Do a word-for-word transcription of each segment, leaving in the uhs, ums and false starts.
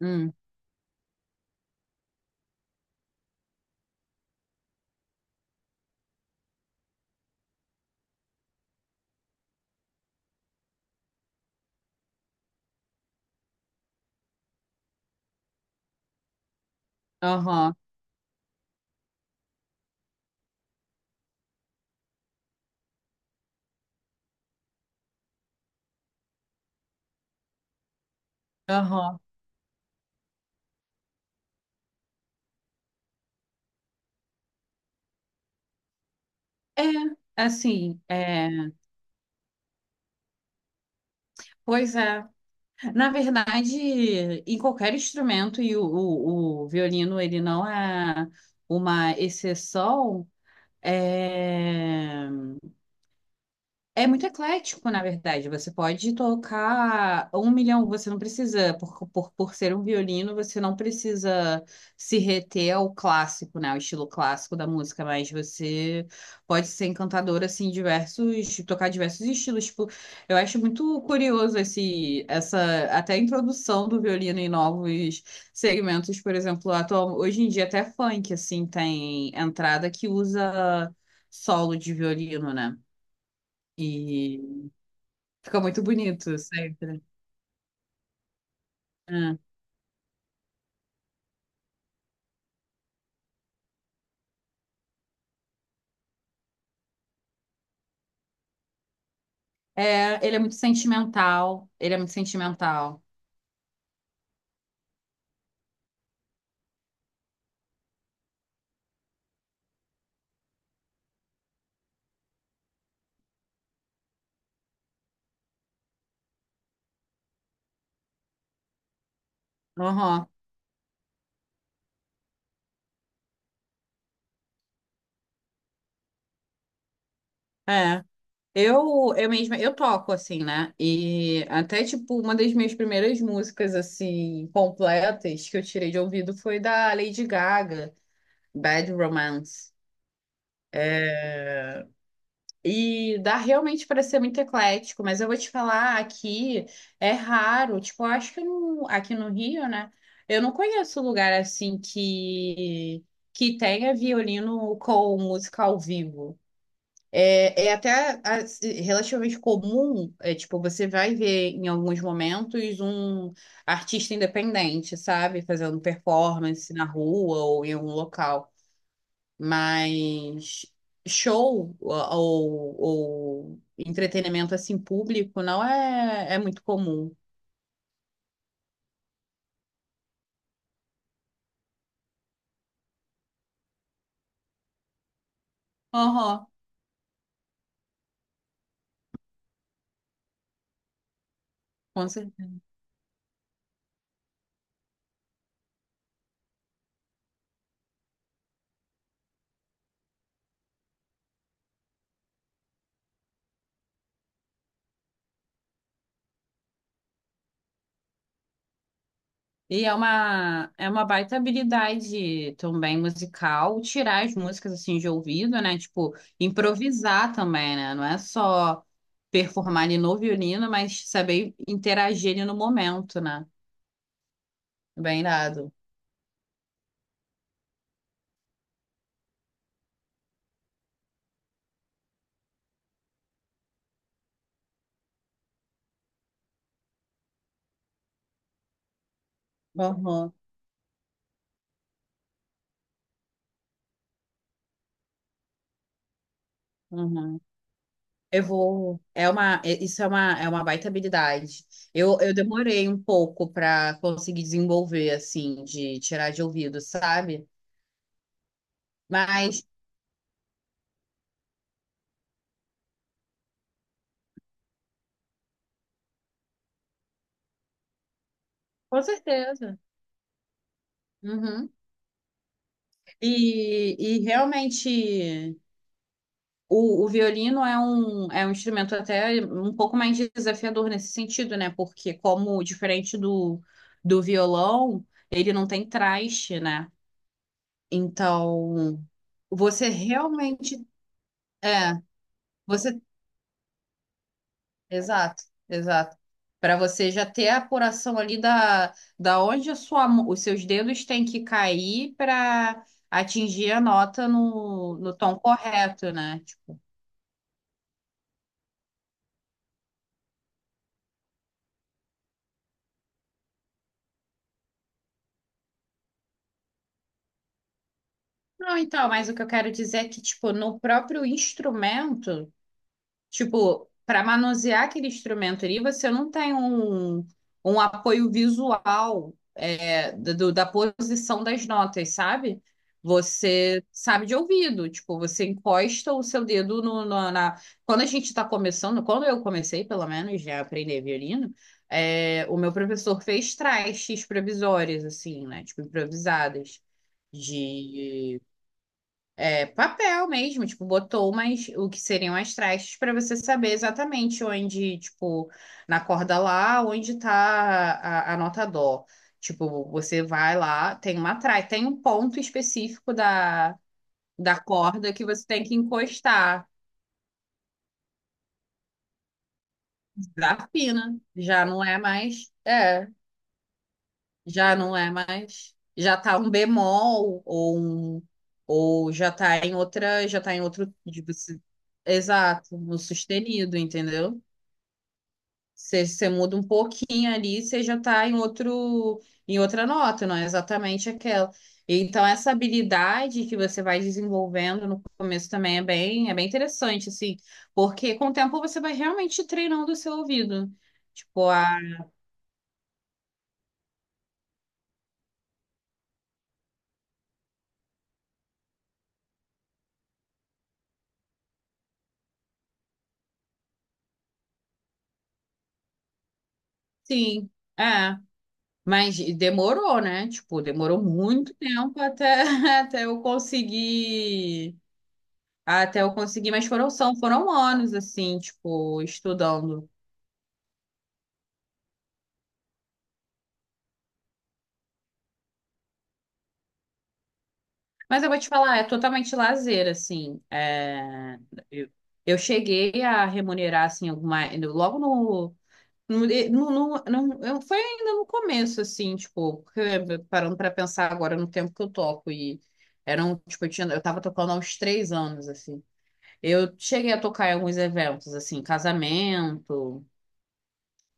Hum, aham, aham. É, assim, é, pois é. Na verdade, em qualquer instrumento, e o, o, o violino, ele não é uma exceção, é, é muito eclético, na verdade. Você pode tocar um milhão, você não precisa, por, por, por ser um violino, você não precisa se reter ao clássico, né? Ao estilo clássico da música, mas você pode ser encantador, assim, diversos, tocar diversos estilos. Tipo, eu acho muito curioso esse, essa, até a introdução do violino em novos segmentos, por exemplo, atual, hoje em dia até funk, assim, tem entrada que usa solo de violino, né? E fica muito bonito sempre. É. É, ele é muito sentimental. Ele é muito sentimental. Aham. É. Eu, eu mesma, eu toco, assim, né? E até, tipo, uma das minhas primeiras músicas, assim, completas que eu tirei de ouvido foi da Lady Gaga, Bad Romance. É, e dá realmente para ser muito eclético, mas eu vou te falar, aqui é raro, tipo, eu acho que no- aqui no Rio, né? Eu não conheço lugar assim que que tenha violino com música ao vivo. É, é até assim, relativamente comum, é, tipo, você vai ver em alguns momentos um artista independente, sabe? Fazendo performance na rua ou em algum local. Mas show ou, ou entretenimento assim público não é, é muito comum. Aham, com certeza. E é uma, é uma baita habilidade também musical, tirar as músicas assim de ouvido, né? Tipo, improvisar também, né? Não é só performar ali no violino, mas saber interagir ali no momento, né? Bem dado. Aham, uhum. Eu vou. É uma, é- isso é uma, é uma baita habilidade. Eu, eu demorei um pouco para conseguir desenvolver, assim, de tirar de ouvido, sabe? Mas, com certeza. Uhum. E, e realmente, o, o violino é um, é um instrumento até um pouco mais desafiador nesse sentido, né? Porque, como diferente do, do violão, ele não tem traste, né? Então, você realmente. É. Você exato, exato. Para você já ter a apuração ali da, da onde a sua, mão- os seus dedos têm que cair para atingir a nota no, no tom correto, né? Tipo, não, então, mas o que eu quero dizer é que, tipo, no próprio instrumento, tipo, para manusear aquele instrumento ali, você não tem um, um apoio visual é, do- da posição das notas, sabe? Você sabe de ouvido, tipo, você encosta o seu dedo no, no- na. Quando a gente está começando, quando eu comecei, pelo menos, a aprender violino, é, o meu professor fez trastes provisórias, assim, né? Tipo, improvisadas de é papel mesmo, tipo, botou umas, o que seriam as trastes para você saber exatamente onde, tipo, na corda lá, onde tá a, a nota dó. Tipo, você vai lá, tem uma traste, tem um ponto específico da, da corda que você tem que encostar. Da fina, já não é mais, é, já não é mais, já tá um bemol ou um, ou já tá em outra, já tá em outro, de você- exato, no sustenido, entendeu? Você, você muda um pouquinho ali, você já está em outro, em outra nota, não é exatamente aquela. Então, essa habilidade que você vai desenvolvendo no começo também é bem, é bem interessante, assim, porque com o tempo você vai realmente treinando o seu ouvido. Tipo, ah, sim, é. Mas demorou, né? Tipo, demorou muito tempo até, até eu conseguir, até eu conseguir, mas foram, são, foram anos, assim, tipo, estudando. Mas eu vou te falar, é totalmente lazer, assim. É, eu, eu cheguei a remunerar, assim, alguma. Logo no. no, no, no- no- eu- foi ainda no começo, assim, tipo, porque, eh, parando para pensar agora no tempo que eu toco. E eram, tipo, eu tinha, eu tava tocando há uns três anos, assim. Eu cheguei a tocar em alguns eventos, assim, casamento,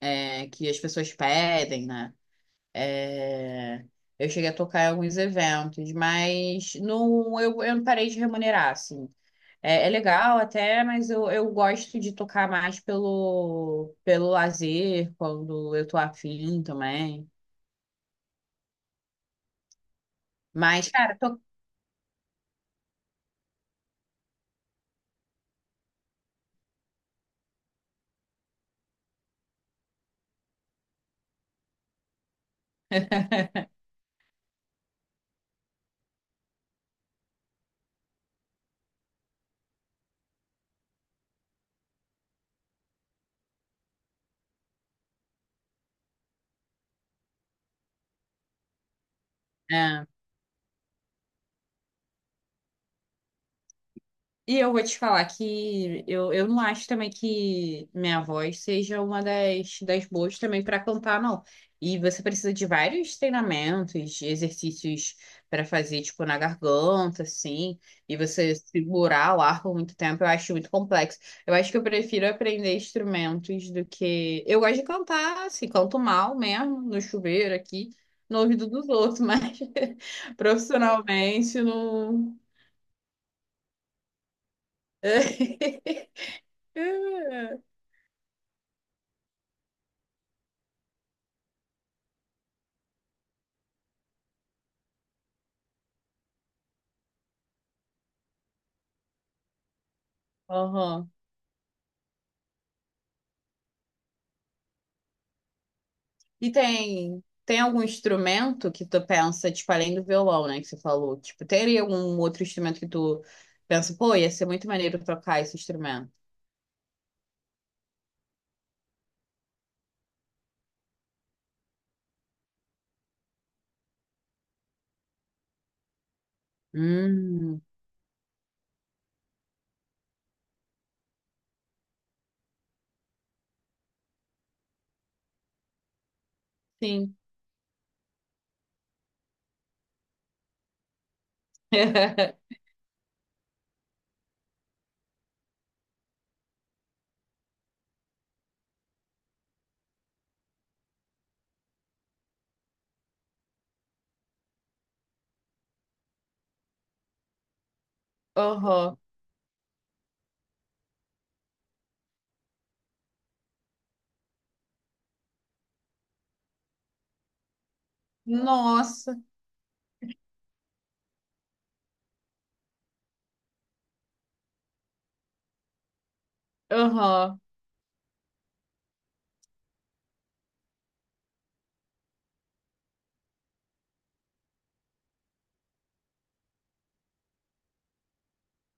é, que as pessoas pedem, né? É, eu cheguei a tocar em alguns eventos, mas não, eu, eu não parei de remunerar, assim. É, é legal até, mas eu, eu gosto de tocar mais pelo, pelo lazer, quando eu tô afim também. Mas, cara, to... E eu vou te falar que eu, eu não acho também que minha voz seja uma das, das boas também para cantar, não. E você precisa de vários treinamentos, de exercícios para fazer, tipo, na garganta, assim, e você segurar o ar por muito tempo, eu acho muito complexo. Eu acho que eu prefiro aprender instrumentos do que. Eu gosto de cantar, assim, canto mal mesmo, no chuveiro aqui, no ouvido dos outros, mas profissionalmente não. Ah, aham. E tem, tem algum instrumento que tu pensa, tipo, além do violão, né, que você falou? Tipo, teria algum outro instrumento que tu pensa, pô, ia ser muito maneiro tocar esse instrumento? Hum, sim. Aham. Nossa. Aham.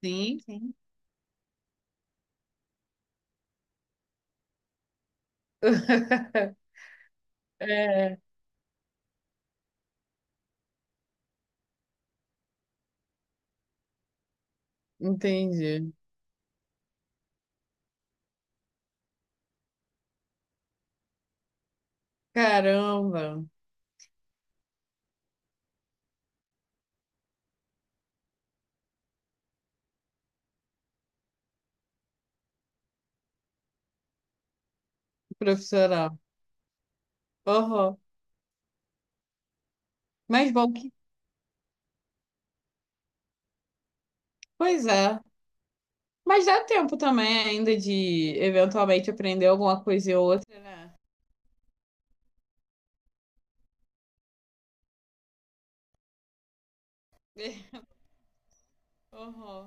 Sim, sim. É, entendi. Caramba, profissional. Aham. Mas bom que. Pois é. Mas dá tempo também ainda de eventualmente aprender alguma coisa ou outra, né? Uhum.